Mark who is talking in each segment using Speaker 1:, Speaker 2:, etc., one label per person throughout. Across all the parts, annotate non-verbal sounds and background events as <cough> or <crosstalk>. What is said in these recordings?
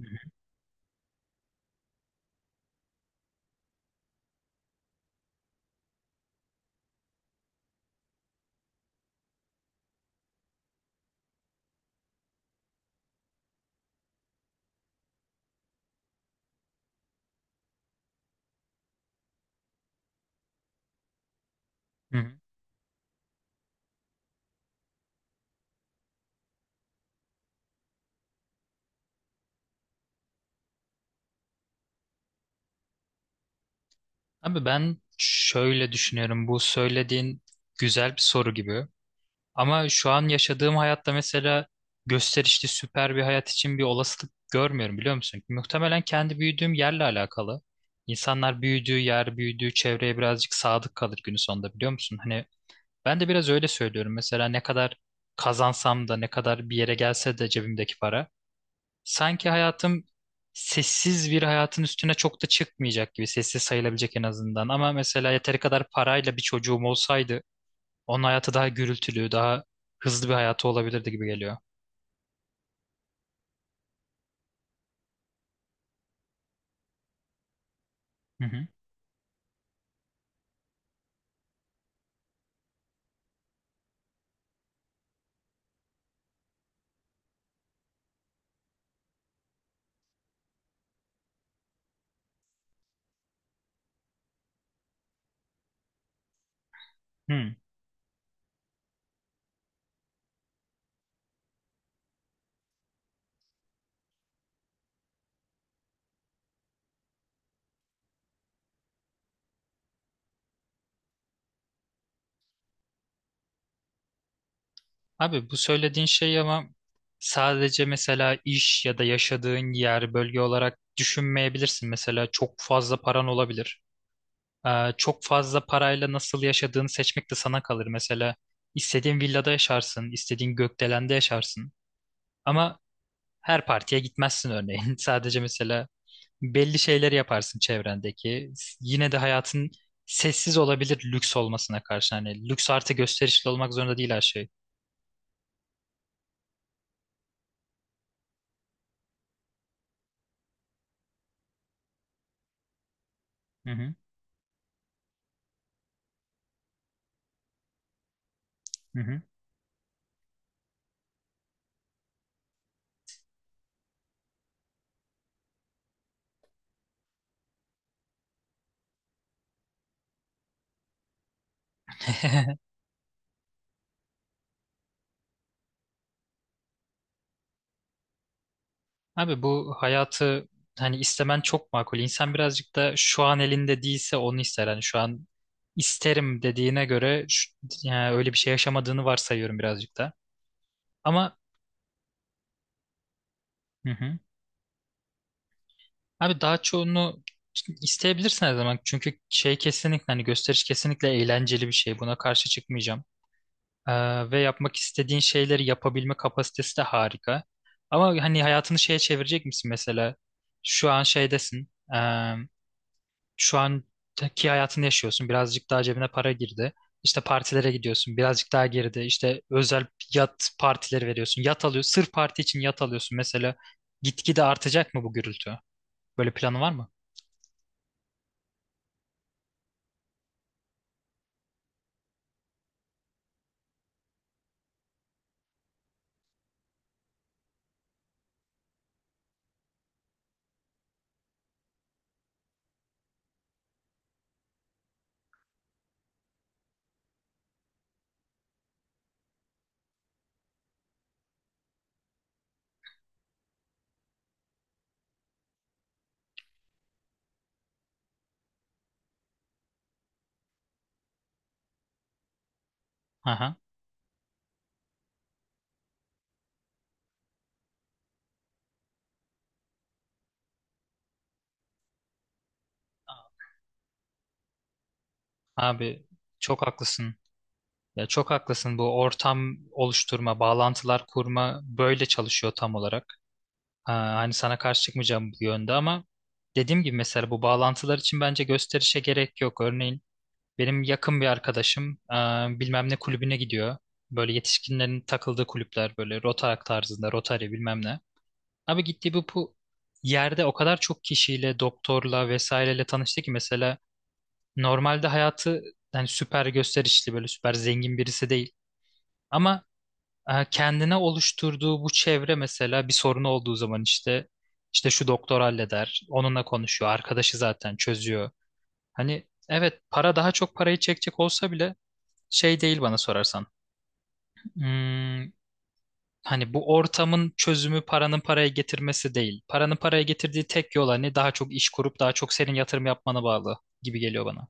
Speaker 1: Hı hı. Hı hı. Abi ben şöyle düşünüyorum. Bu söylediğin güzel bir soru gibi. Ama şu an yaşadığım hayatta mesela gösterişli süper bir hayat için bir olasılık görmüyorum, biliyor musun? Muhtemelen kendi büyüdüğüm yerle alakalı. İnsanlar büyüdüğü yer, büyüdüğü çevreye birazcık sadık kalır günün sonunda, biliyor musun? Hani ben de biraz öyle söylüyorum. Mesela ne kadar kazansam da, ne kadar bir yere gelse de cebimdeki para. Sanki hayatım sessiz bir hayatın üstüne çok da çıkmayacak gibi, sessiz sayılabilecek en azından. Ama mesela yeteri kadar parayla bir çocuğum olsaydı onun hayatı daha gürültülü, daha hızlı bir hayatı olabilirdi gibi geliyor. Hı hı. Hı. Abi bu söylediğin şey ama sadece mesela iş ya da yaşadığın yer, bölge olarak düşünmeyebilirsin. Mesela çok fazla paran olabilir. Çok fazla parayla nasıl yaşadığını seçmek de sana kalır. Mesela istediğin villada yaşarsın, istediğin gökdelende yaşarsın. Ama her partiye gitmezsin örneğin. <laughs> Sadece mesela belli şeyleri yaparsın çevrendeki. Yine de hayatın sessiz olabilir, lüks olmasına karşı. Hani lüks artı gösterişli olmak zorunda değil her şey. Hı hı. Hı hı. <laughs> Abi bu hayatı hani istemen çok makul. İnsan birazcık da şu an elinde değilse onu ister. Hani şu an isterim dediğine göre yani öyle bir şey yaşamadığını varsayıyorum birazcık da. Ama hı hı. Abi daha çoğunu isteyebilirsin her zaman. Çünkü şey, kesinlikle hani gösteriş kesinlikle eğlenceli bir şey. Buna karşı çıkmayacağım. Ve yapmak istediğin şeyleri yapabilme kapasitesi de harika. Ama hani hayatını şeye çevirecek misin mesela? Şu an şeydesin. ee, şu anki hayatını yaşıyorsun. Birazcık daha cebine para girdi. İşte partilere gidiyorsun. Birazcık daha girdi. İşte özel yat partileri veriyorsun. Yat alıyorsun. Sırf parti için yat alıyorsun mesela. Gitgide artacak mı bu gürültü? Böyle planı var mı? Aha. Abi çok haklısın. Ya çok haklısın. Bu ortam oluşturma, bağlantılar kurma böyle çalışıyor tam olarak. Ha, hani sana karşı çıkmayacağım bu yönde ama dediğim gibi mesela bu bağlantılar için bence gösterişe gerek yok. Örneğin benim yakın bir arkadaşım bilmem ne kulübüne gidiyor. Böyle yetişkinlerin takıldığı kulüpler, böyle Rotaract tarzında, Rotary bilmem ne. Abi gittiği bu yerde o kadar çok kişiyle, doktorla vesaireyle tanıştı ki mesela normalde hayatı yani süper gösterişli, böyle süper zengin birisi değil. Ama kendine oluşturduğu bu çevre, mesela bir sorunu olduğu zaman işte şu doktor halleder, onunla konuşuyor, arkadaşı zaten çözüyor. Hani evet, para daha çok parayı çekecek olsa bile şey değil bana sorarsan. Hmm, hani bu ortamın çözümü paranın paraya getirmesi değil. Paranın paraya getirdiği tek yol hani daha çok iş kurup daha çok senin yatırım yapmana bağlı gibi geliyor bana.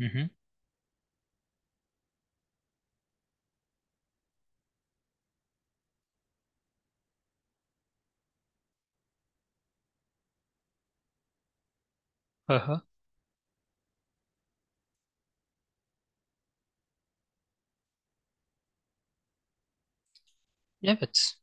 Speaker 1: Hı hı. Aha. Evet.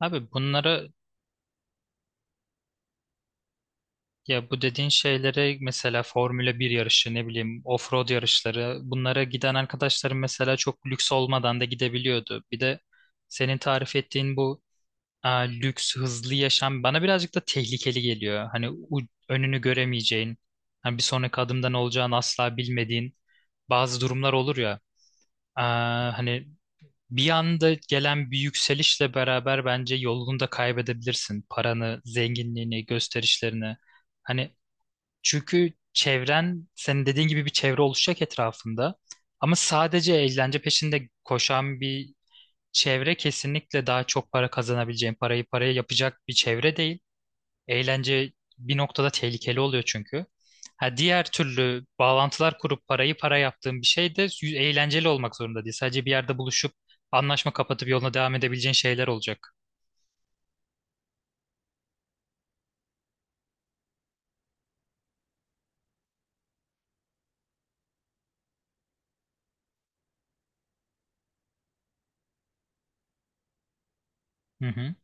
Speaker 1: Abi bunlara ya bu dediğin şeylere mesela Formula bir yarışı, ne bileyim, offroad yarışları, bunlara giden arkadaşlarım mesela çok lüks olmadan da gidebiliyordu. Bir de senin tarif ettiğin bu, lüks hızlı yaşam bana birazcık da tehlikeli geliyor. Hani önünü göremeyeceğin, hani bir sonraki adımda ne olacağını asla bilmediğin bazı durumlar olur ya. Hani bir anda gelen bir yükselişle beraber bence yolunu da kaybedebilirsin. Paranı, zenginliğini, gösterişlerini. Hani çünkü çevren, senin dediğin gibi bir çevre oluşacak etrafında. Ama sadece eğlence peşinde koşan bir çevre kesinlikle daha çok para kazanabileceğin, parayı paraya yapacak bir çevre değil. Eğlence bir noktada tehlikeli oluyor çünkü. Ha, diğer türlü bağlantılar kurup parayı para yaptığın bir şey de eğlenceli olmak zorunda değil. Sadece bir yerde buluşup anlaşma kapatıp yoluna devam edebileceğin şeyler olacak. Hı hı,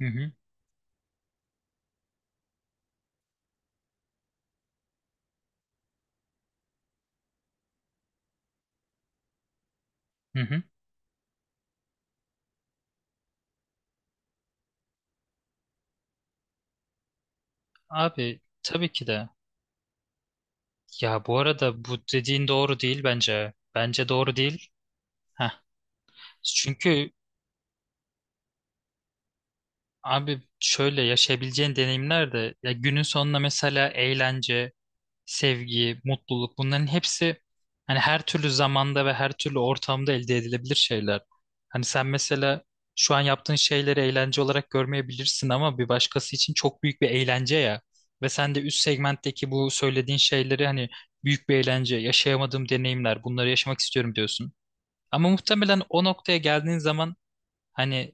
Speaker 1: hı hı, hı hı. Abi tabii ki de. Ya bu arada bu dediğin doğru değil bence. Bence doğru değil. Heh. Çünkü abi şöyle, yaşayabileceğin deneyimler de ya günün sonunda, mesela eğlence, sevgi, mutluluk, bunların hepsi hani her türlü zamanda ve her türlü ortamda elde edilebilir şeyler. Hani sen mesela şu an yaptığın şeyleri eğlence olarak görmeyebilirsin ama bir başkası için çok büyük bir eğlence ya. Ve sen de üst segmentteki bu söylediğin şeyleri hani büyük bir eğlence, yaşayamadığım deneyimler, bunları yaşamak istiyorum diyorsun. Ama muhtemelen o noktaya geldiğin zaman hani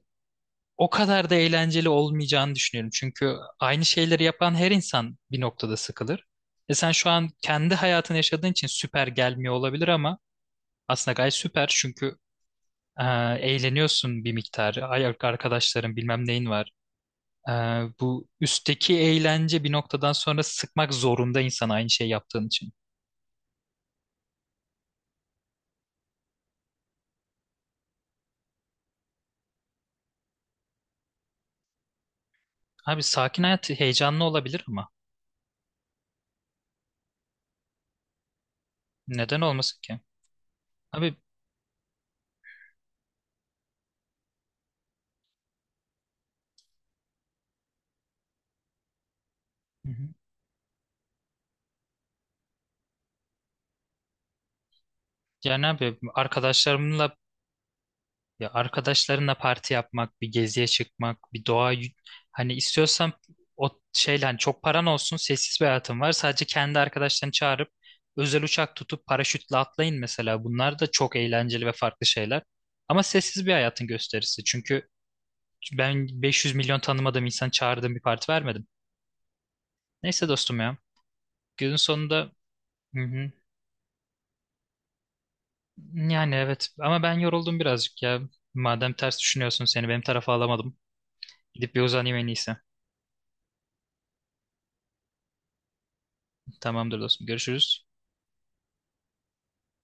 Speaker 1: o kadar da eğlenceli olmayacağını düşünüyorum. Çünkü aynı şeyleri yapan her insan bir noktada sıkılır. E sen şu an kendi hayatını yaşadığın için süper gelmiyor olabilir ama aslında gayet süper, çünkü e, eğleniyorsun bir miktar. Ay, arkadaşların bilmem neyin var. E, bu üstteki eğlence bir noktadan sonra sıkmak zorunda, insan aynı şey yaptığın için. Abi sakin hayat heyecanlı olabilir ama neden olmasın ki? Abi hı hı. Yani abi arkadaşlarımla ya arkadaşlarınla parti yapmak, bir geziye çıkmak, bir hani istiyorsan o şeyle, hani çok paran olsun, sessiz bir hayatın var. Sadece kendi arkadaşlarını çağırıp özel uçak tutup paraşütle atlayın mesela. Bunlar da çok eğlenceli ve farklı şeyler. Ama sessiz bir hayatın gösterisi. Çünkü ben 500 milyon tanımadığım insan çağırdığım bir parti vermedim. Neyse dostum ya. Günün sonunda hı hı. Yani evet ama ben yoruldum birazcık ya. Madem ters düşünüyorsun, seni benim tarafa alamadım. Gidip bir uzanayım en iyisi. Tamamdır dostum. Görüşürüz.